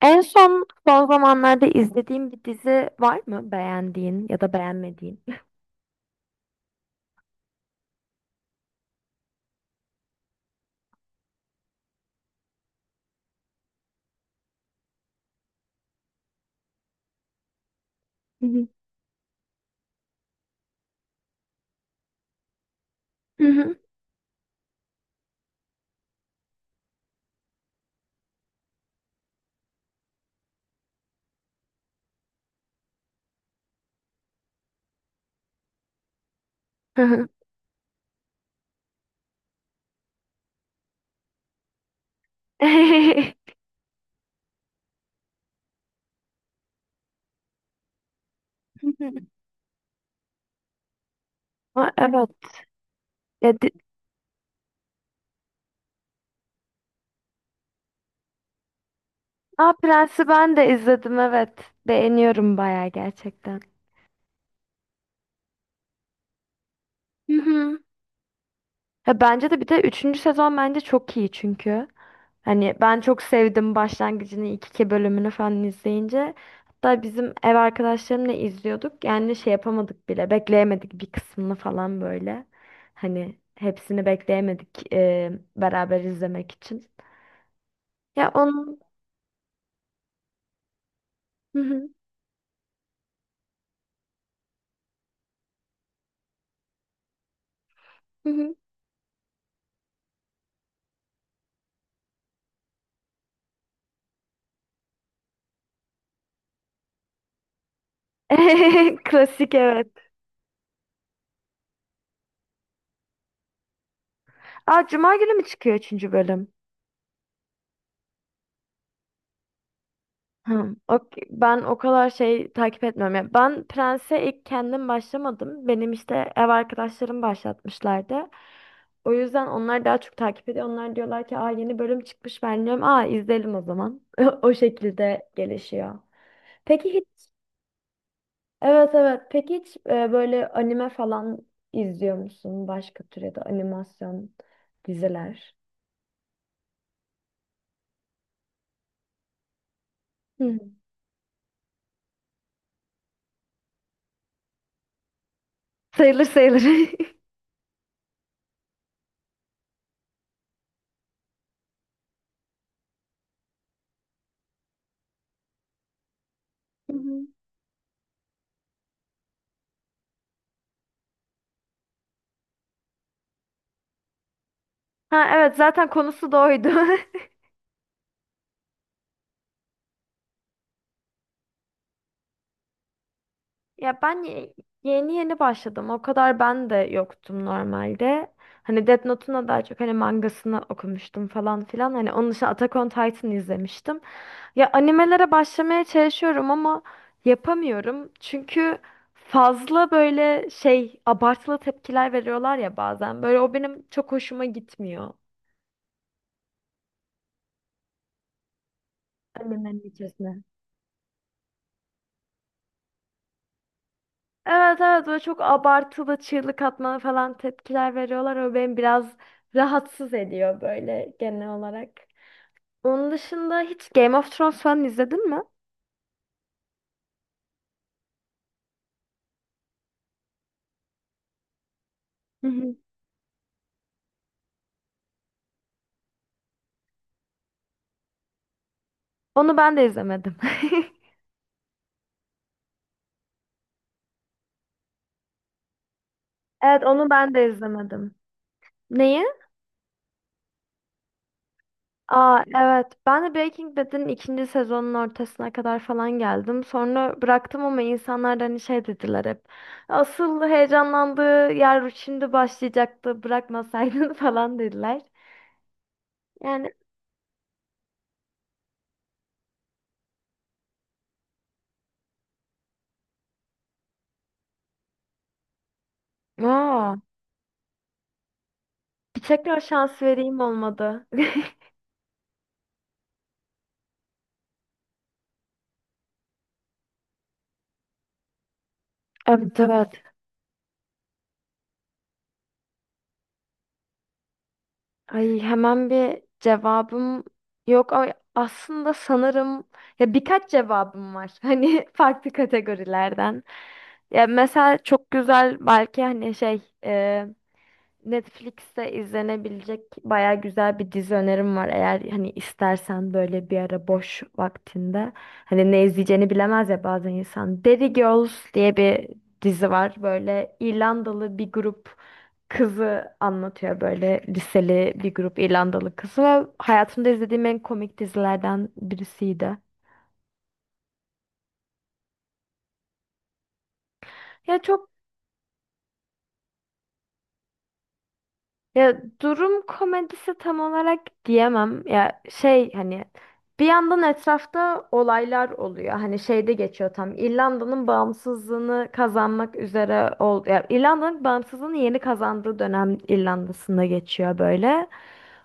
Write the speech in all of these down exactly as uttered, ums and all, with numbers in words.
En son son zamanlarda izlediğin bir dizi var mı beğendiğin ya da beğenmediğin? Hı hı. Hı hı. Hı hı. Hı hı. Aa, evet. Ya, di- Aa, Prens'i ben de izledim, evet. Beğeniyorum bayağı gerçekten. Hı hı. Ya bence de, bir de üçüncü sezon bence çok iyi çünkü. Hani ben çok sevdim başlangıcını, ilk iki bölümünü falan izleyince. Hatta bizim ev arkadaşlarımla izliyorduk. Yani şey yapamadık bile. Bekleyemedik bir kısmını falan böyle. Hani hepsini bekleyemedik e, beraber izlemek için. Ya onun... Hı hı, hı hı. Klasik, evet. Aa, Cuma günü mü çıkıyor üçüncü bölüm? Hı, ok- Ben o kadar şey takip etmiyorum. Ya ben Prens'e ilk kendim başlamadım. Benim işte ev arkadaşlarım başlatmışlardı. O yüzden onlar daha çok takip ediyor. Onlar diyorlar ki aa yeni bölüm çıkmış, ben diyorum aa izleyelim o zaman. O şekilde gelişiyor. Peki hiç evet, evet. Peki hiç e, böyle anime falan izliyor musun? Başka tür ya da animasyon diziler. Hı. Sayılır sayılır. Hı hı. Ha evet, zaten konusu da oydu. Ya ben ye- Yeni yeni başladım. O kadar ben de yoktum normalde. Hani Death Note'un da daha çok hani mangasını okumuştum falan filan. Hani onun dışında Attack on Titan izlemiştim. Ya animelere başlamaya çalışıyorum ama yapamıyorum. Çünkü fazla böyle şey abartılı tepkiler veriyorlar ya bazen. Böyle o benim çok hoşuma gitmiyor. Animenin içerisinde. Evet evet, böyle çok abartılı çığlık atmalı falan tepkiler veriyorlar. O beni biraz rahatsız ediyor böyle genel olarak. Onun dışında hiç Game of Thrones falan izledin mi? Hı hı. Onu ben de izlemedim. Evet, onu ben de izlemedim. Neyi? Aa evet, ben de Breaking Bad'in ikinci sezonun ortasına kadar falan geldim. Sonra bıraktım ama insanlar da hani şey dediler hep. Asıl heyecanlandığı yer şimdi başlayacaktı bırakmasaydın falan dediler. Yani aa. Tekrar şans vereyim olmadı. Evet, evet. Ay hemen bir cevabım yok ama aslında sanırım ya birkaç cevabım var. Hani farklı kategorilerden. Ya mesela çok güzel belki hani şey Netflix'te izlenebilecek baya güzel bir dizi önerim var. Eğer hani istersen böyle bir ara boş vaktinde hani ne izleyeceğini bilemez ya bazen insan. Derry Girls diye bir dizi var. Böyle İrlandalı bir grup kızı anlatıyor, böyle liseli bir grup İrlandalı kızı, ve hayatımda izlediğim en komik dizilerden birisiydi. Ya çok Ya durum komedisi tam olarak diyemem. Ya şey hani bir yandan etrafta olaylar oluyor. Hani şeyde geçiyor tam. İrlanda'nın bağımsızlığını kazanmak üzere ol Ya İrlanda'nın bağımsızlığını yeni kazandığı dönem İrlanda'sında geçiyor böyle.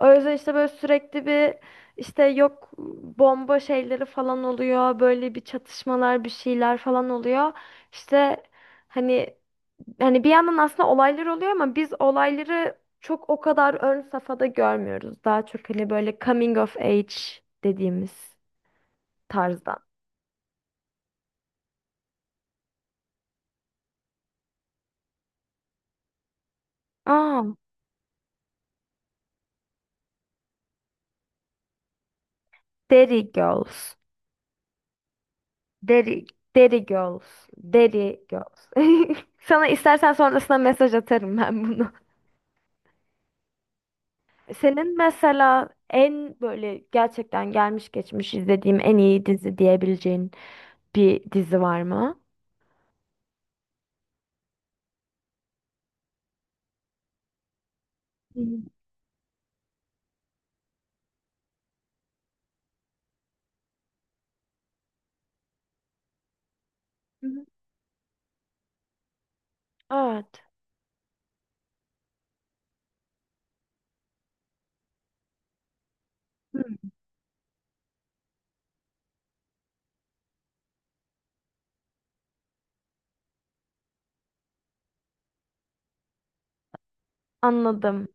O yüzden işte böyle sürekli bir işte yok bomba şeyleri falan oluyor. Böyle bir çatışmalar, bir şeyler falan oluyor. İşte hani hani bir yandan aslında olaylar oluyor ama biz olayları çok o kadar ön safhada görmüyoruz. Daha çok hani böyle coming of age dediğimiz tarzdan. Aa, Derry Girls. Derry, Derry Girls. Derry Girls. Sana istersen sonrasında mesaj atarım ben bunu. Senin mesela en böyle gerçekten gelmiş geçmiş izlediğim en iyi dizi diyebileceğin bir dizi var mı? Hı hı. Hı hı. Evet. Hı. Anladım.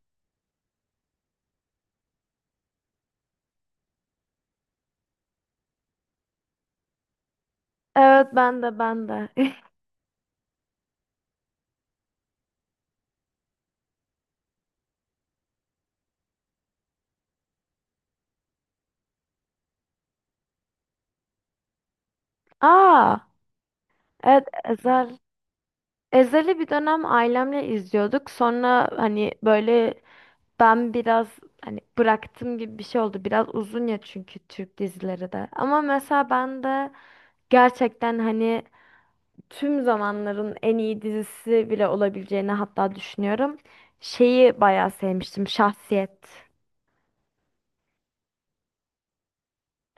Evet ben de, ben de. Aa, evet Ezel. Ezel'i bir dönem ailemle izliyorduk. Sonra hani böyle ben biraz hani bıraktım gibi bir şey oldu. Biraz uzun ya çünkü Türk dizileri de. Ama mesela ben de gerçekten hani tüm zamanların en iyi dizisi bile olabileceğini hatta düşünüyorum. Şeyi bayağı sevmiştim. Şahsiyet.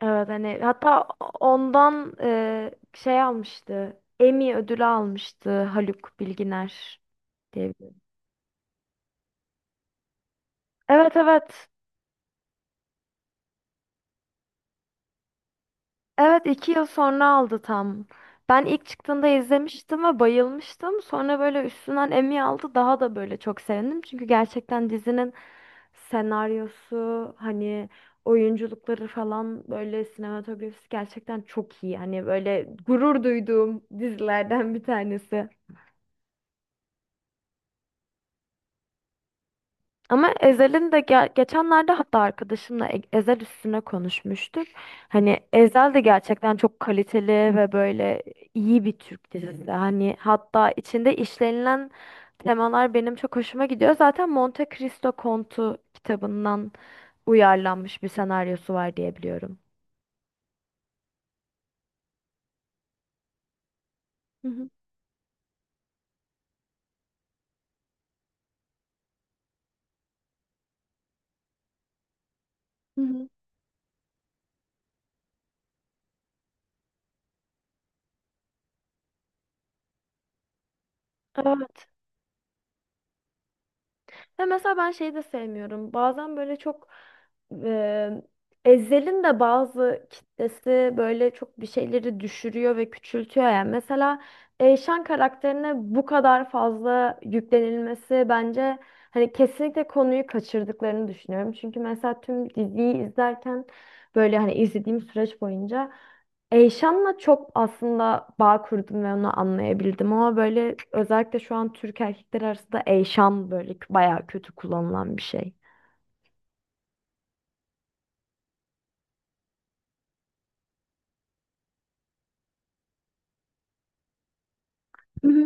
Evet hani hatta ondan e, şey almıştı. Emmy ödülü almıştı Haluk Bilginer diye. bir- Evet, evet. Evet, iki yıl sonra aldı tam. Ben ilk çıktığında izlemiştim ve bayılmıştım. Sonra böyle üstünden Emmy aldı, daha da böyle çok sevindim. Çünkü gerçekten dizinin senaryosu hani oyunculukları falan böyle sinematografisi gerçekten çok iyi. Hani böyle gurur duyduğum dizilerden bir tanesi. Ama Ezel'in de ge- geçenlerde hatta arkadaşımla E- Ezel üstüne konuşmuştuk. Hani Ezel de gerçekten çok kaliteli ve böyle iyi bir Türk dizisi. Hani hatta içinde işlenilen temalar benim çok hoşuma gidiyor. Zaten Monte Cristo Kontu kitabından uyarlanmış bir senaryosu var diye biliyorum. Hı hı. Hı hı. Evet. Ve mesela ben şeyi de sevmiyorum. Bazen böyle çok e, Ezhel'in de bazı kitlesi böyle çok bir şeyleri düşürüyor ve küçültüyor yani. Mesela Eyşan karakterine bu kadar fazla yüklenilmesi bence hani kesinlikle konuyu kaçırdıklarını düşünüyorum. Çünkü mesela tüm diziyi izlerken böyle hani izlediğim süreç boyunca Eyşan'la çok aslında bağ kurdum ve onu anlayabildim, ama böyle özellikle şu an Türk erkekler arasında Eyşan böyle bayağı kötü kullanılan bir şey. Hı hı.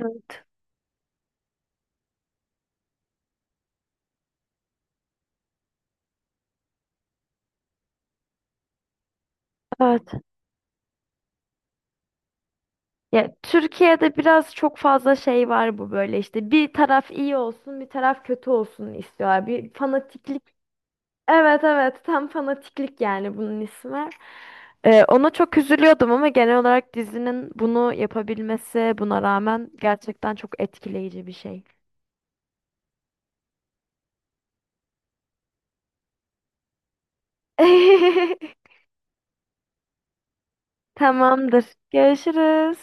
Evet. Evet. Ya Türkiye'de biraz çok fazla şey var bu, böyle işte bir taraf iyi olsun bir taraf kötü olsun istiyorlar. Bir fanatiklik. Evet evet, tam fanatiklik yani bunun ismi. Ee, ona çok üzülüyordum ama genel olarak dizinin bunu yapabilmesi buna rağmen gerçekten çok etkileyici bir şey. Tamamdır. Görüşürüz.